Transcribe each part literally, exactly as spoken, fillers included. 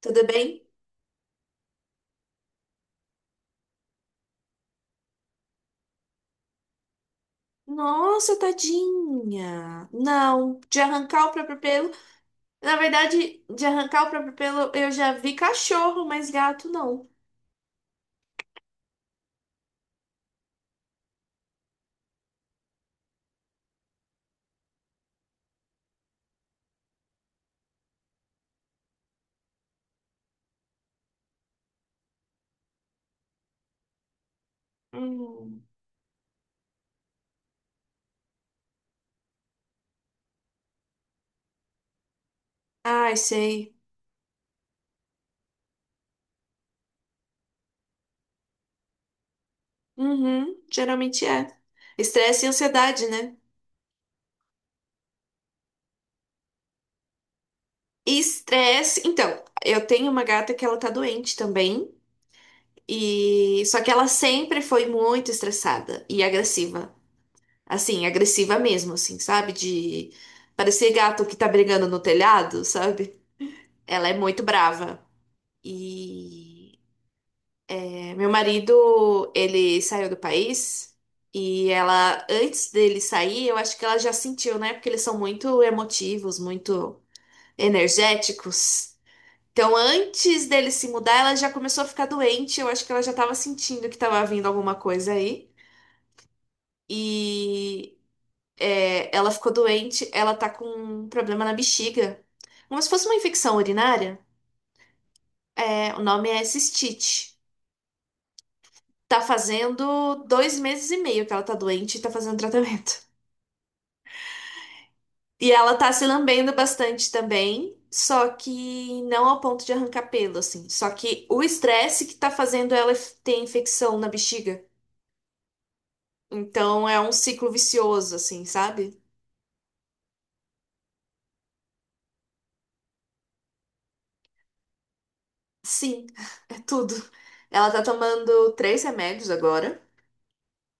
Tudo bem? Nossa, tadinha. Não, de arrancar o próprio pelo. Na verdade, de arrancar o próprio pelo, eu já vi cachorro, mas gato não. Hum. Ai, sei. Uhum, geralmente é. Estresse e ansiedade, né? Estresse. Então, eu tenho uma gata que ela tá doente também. E só que ela sempre foi muito estressada e agressiva. Assim, agressiva mesmo, assim, sabe? De parecer gato que tá brigando no telhado, sabe? Ela é muito brava. E é, meu marido, ele saiu do país e ela, antes dele sair, eu acho que ela já sentiu, né? Porque eles são muito emotivos, muito energéticos. Então, antes dele se mudar, ela já começou a ficar doente. Eu acho que ela já estava sentindo que estava vindo alguma coisa aí. E é, ela ficou doente. Ela tá com um problema na bexiga, como se fosse uma infecção urinária. É, o nome é cistite. Tá fazendo dois meses e meio que ela tá doente e tá fazendo tratamento. E ela tá se lambendo bastante também, só que não ao ponto de arrancar pelo, assim. Só que o estresse que tá fazendo ela f- ter infecção na bexiga. Então é um ciclo vicioso, assim, sabe? Sim, é tudo. Ela tá tomando três remédios agora.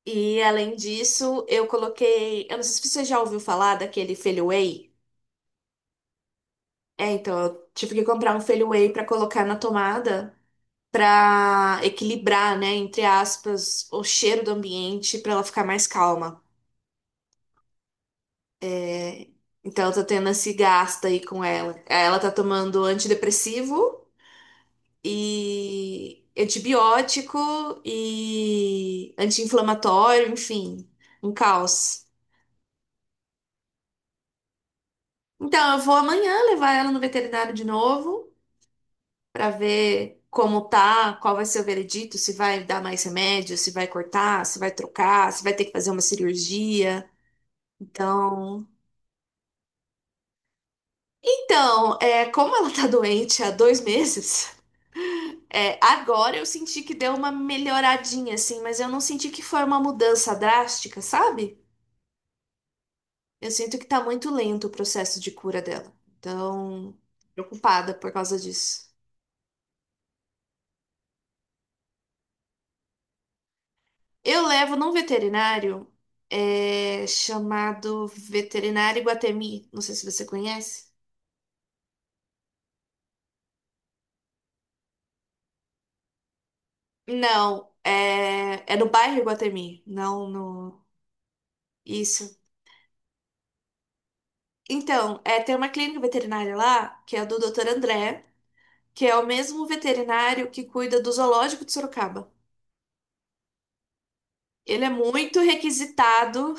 E além disso, eu coloquei. Eu não sei se você já ouviu falar daquele Feliway. É, então eu tive que comprar um Feliway pra colocar na tomada. Para equilibrar, né, entre aspas, o cheiro do ambiente para ela ficar mais calma. É, então eu tô tendo esse gasto aí com ela. Aí, ela tá tomando antidepressivo e antibiótico e anti-inflamatório, enfim, um caos. Então eu vou amanhã levar ela no veterinário de novo para ver como tá, qual vai ser o veredito, se vai dar mais remédio, se vai cortar, se vai trocar, se vai ter que fazer uma cirurgia. Então, Então, é, como ela tá doente há dois meses, é, agora eu senti que deu uma melhoradinha, assim, mas eu não senti que foi uma mudança drástica, sabe? Eu sinto que tá muito lento o processo de cura dela. Então, preocupada por causa disso. Eu levo num veterinário, é, chamado Veterinário Iguatemi. Não sei se você conhece. Não, é, é no bairro Iguatemi, não no. Isso. Então, é, tem uma clínica veterinária lá, que é a do doutor André, que é o mesmo veterinário que cuida do zoológico de Sorocaba. Ele é muito requisitado,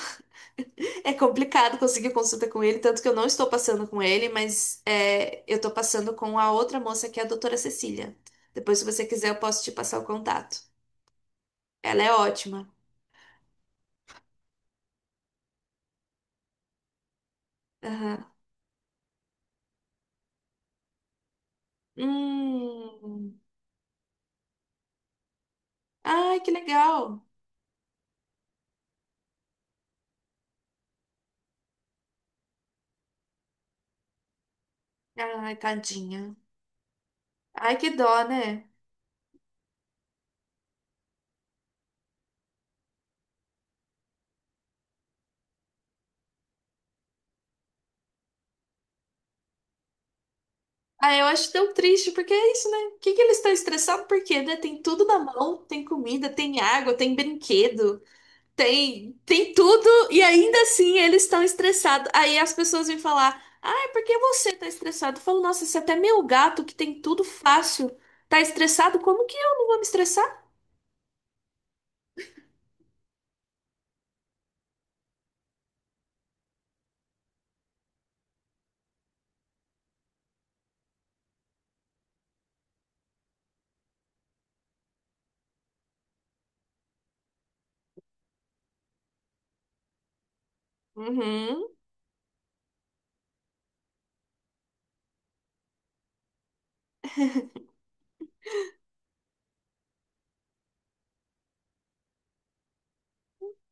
é complicado conseguir consulta com ele, tanto que eu não estou passando com ele, mas é, eu estou passando com a outra moça, que é a doutora Cecília. Depois, se você quiser, eu posso te passar o contato. Ela é ótima. Aham. Hum. Ai, que legal. Ai, tadinha. Ai, que dó, né? Ah, eu acho tão triste, porque é isso, né? O que que eles estão estressados? Porque, né? Tem tudo na mão, tem comida, tem água, tem brinquedo, tem, tem tudo, e ainda assim eles estão estressados. Aí as pessoas vêm falar, ah, por que você tá estressado? Eu falo, nossa, se até meu gato, que tem tudo fácil, tá estressado, como que eu não vou me estressar? Uhum.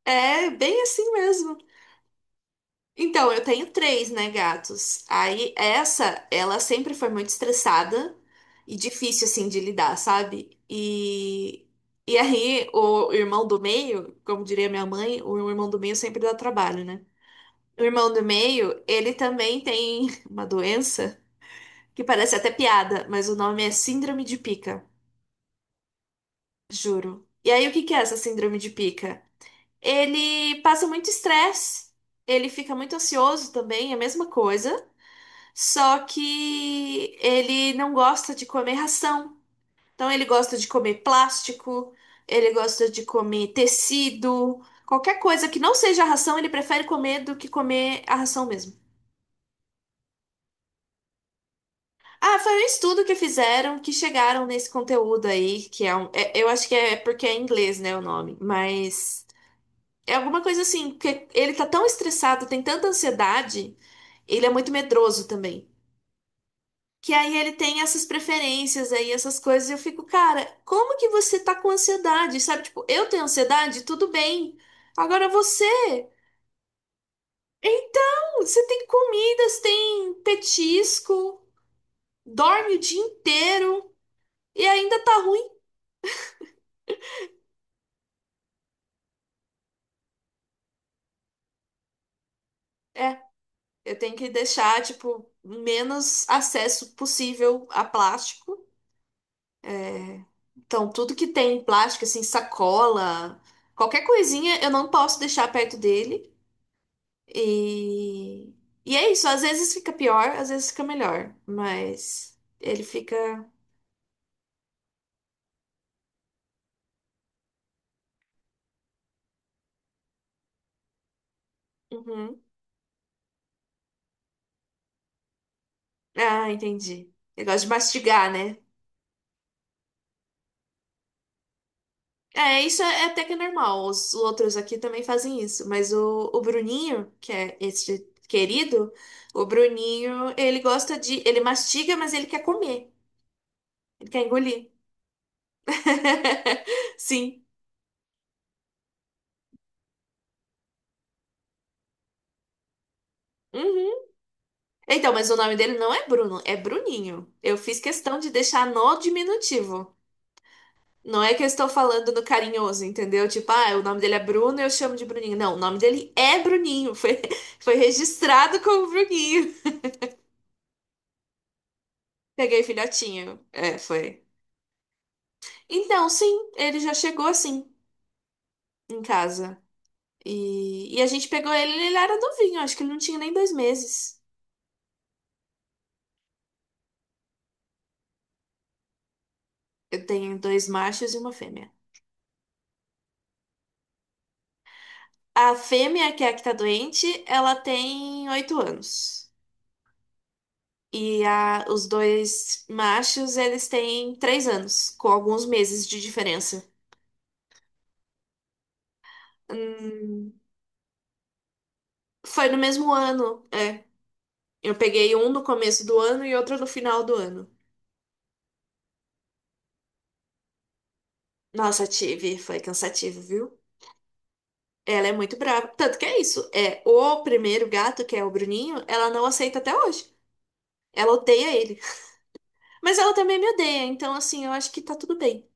É bem assim mesmo. Então, eu tenho três, né, gatos. Aí essa, ela sempre foi muito estressada e difícil assim de lidar, sabe? E e aí o irmão do meio, como diria minha mãe, o irmão do meio sempre dá trabalho, né? O irmão do meio, ele também tem uma doença que parece até piada, mas o nome é síndrome de pica, juro. E aí o que que é essa síndrome de pica? Ele passa muito estresse, ele fica muito ansioso também, é a mesma coisa. Só que ele não gosta de comer ração. Então ele gosta de comer plástico, ele gosta de comer tecido, qualquer coisa que não seja ração, ele prefere comer do que comer a ração mesmo. Ah, foi um estudo que fizeram que chegaram nesse conteúdo aí, que é um. é- eu acho que é porque é em inglês, né, o nome, mas é alguma coisa assim, porque ele tá tão estressado, tem tanta ansiedade, ele é muito medroso também. Que aí ele tem essas preferências aí, essas coisas, e eu fico, cara, como que você tá com ansiedade? Sabe, tipo, eu tenho ansiedade, tudo bem. Agora você, então, você tem comida, você tem petisco, dorme o dia inteiro e ainda tá ruim. É, eu tenho que deixar, tipo, menos acesso possível a plástico. Então, tudo que tem plástico, assim, sacola, qualquer coisinha, eu não posso deixar perto dele. E, e é isso, às vezes fica pior, às vezes fica melhor, mas ele fica. Uhum. Ah, entendi. Ele gosta de mastigar, né? É, isso é até que é normal. Os outros aqui também fazem isso, mas o, o Bruninho, que é esse querido, o Bruninho, ele gosta de. Ele mastiga, mas ele quer comer, ele quer engolir. Sim. Uhum. Então, mas o nome dele não é Bruno, é Bruninho. Eu fiz questão de deixar no diminutivo. Não é que eu estou falando no carinhoso, entendeu? Tipo, ah, o nome dele é Bruno, e eu chamo de Bruninho. Não, o nome dele é Bruninho. Foi, foi registrado como Bruninho. Peguei filhotinho. É, foi. Então, sim, ele já chegou assim em casa. E, e a gente pegou ele, ele era novinho, acho que ele não tinha nem dois meses. Eu tenho dois machos e uma fêmea. A fêmea, que é a que tá doente, ela tem oito anos. E a, os dois machos, eles têm três anos, com alguns meses de diferença. Hum, foi no mesmo ano, é. Eu peguei um no começo do ano e outro no final do ano. Nossa, tive, foi cansativo, viu? Ela é muito brava. Tanto que é isso, é o primeiro gato, que é o Bruninho, ela não aceita até hoje. Ela odeia ele. Mas ela também me odeia, então assim, eu acho que tá tudo bem.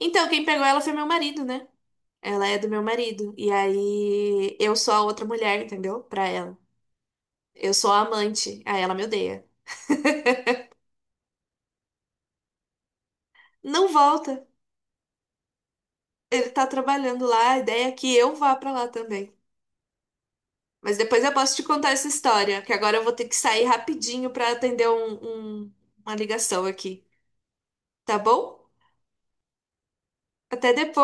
Então, quem pegou ela foi meu marido, né? Ela é do meu marido. E aí eu sou a outra mulher, entendeu? Pra ela. Eu sou a amante. Aí ela me odeia. Não volta. Ele tá trabalhando lá. A ideia é que eu vá pra lá também. Mas depois eu posso te contar essa história, que agora eu vou ter que sair rapidinho pra atender um- um- uma ligação aqui. Tá bom? Até depois.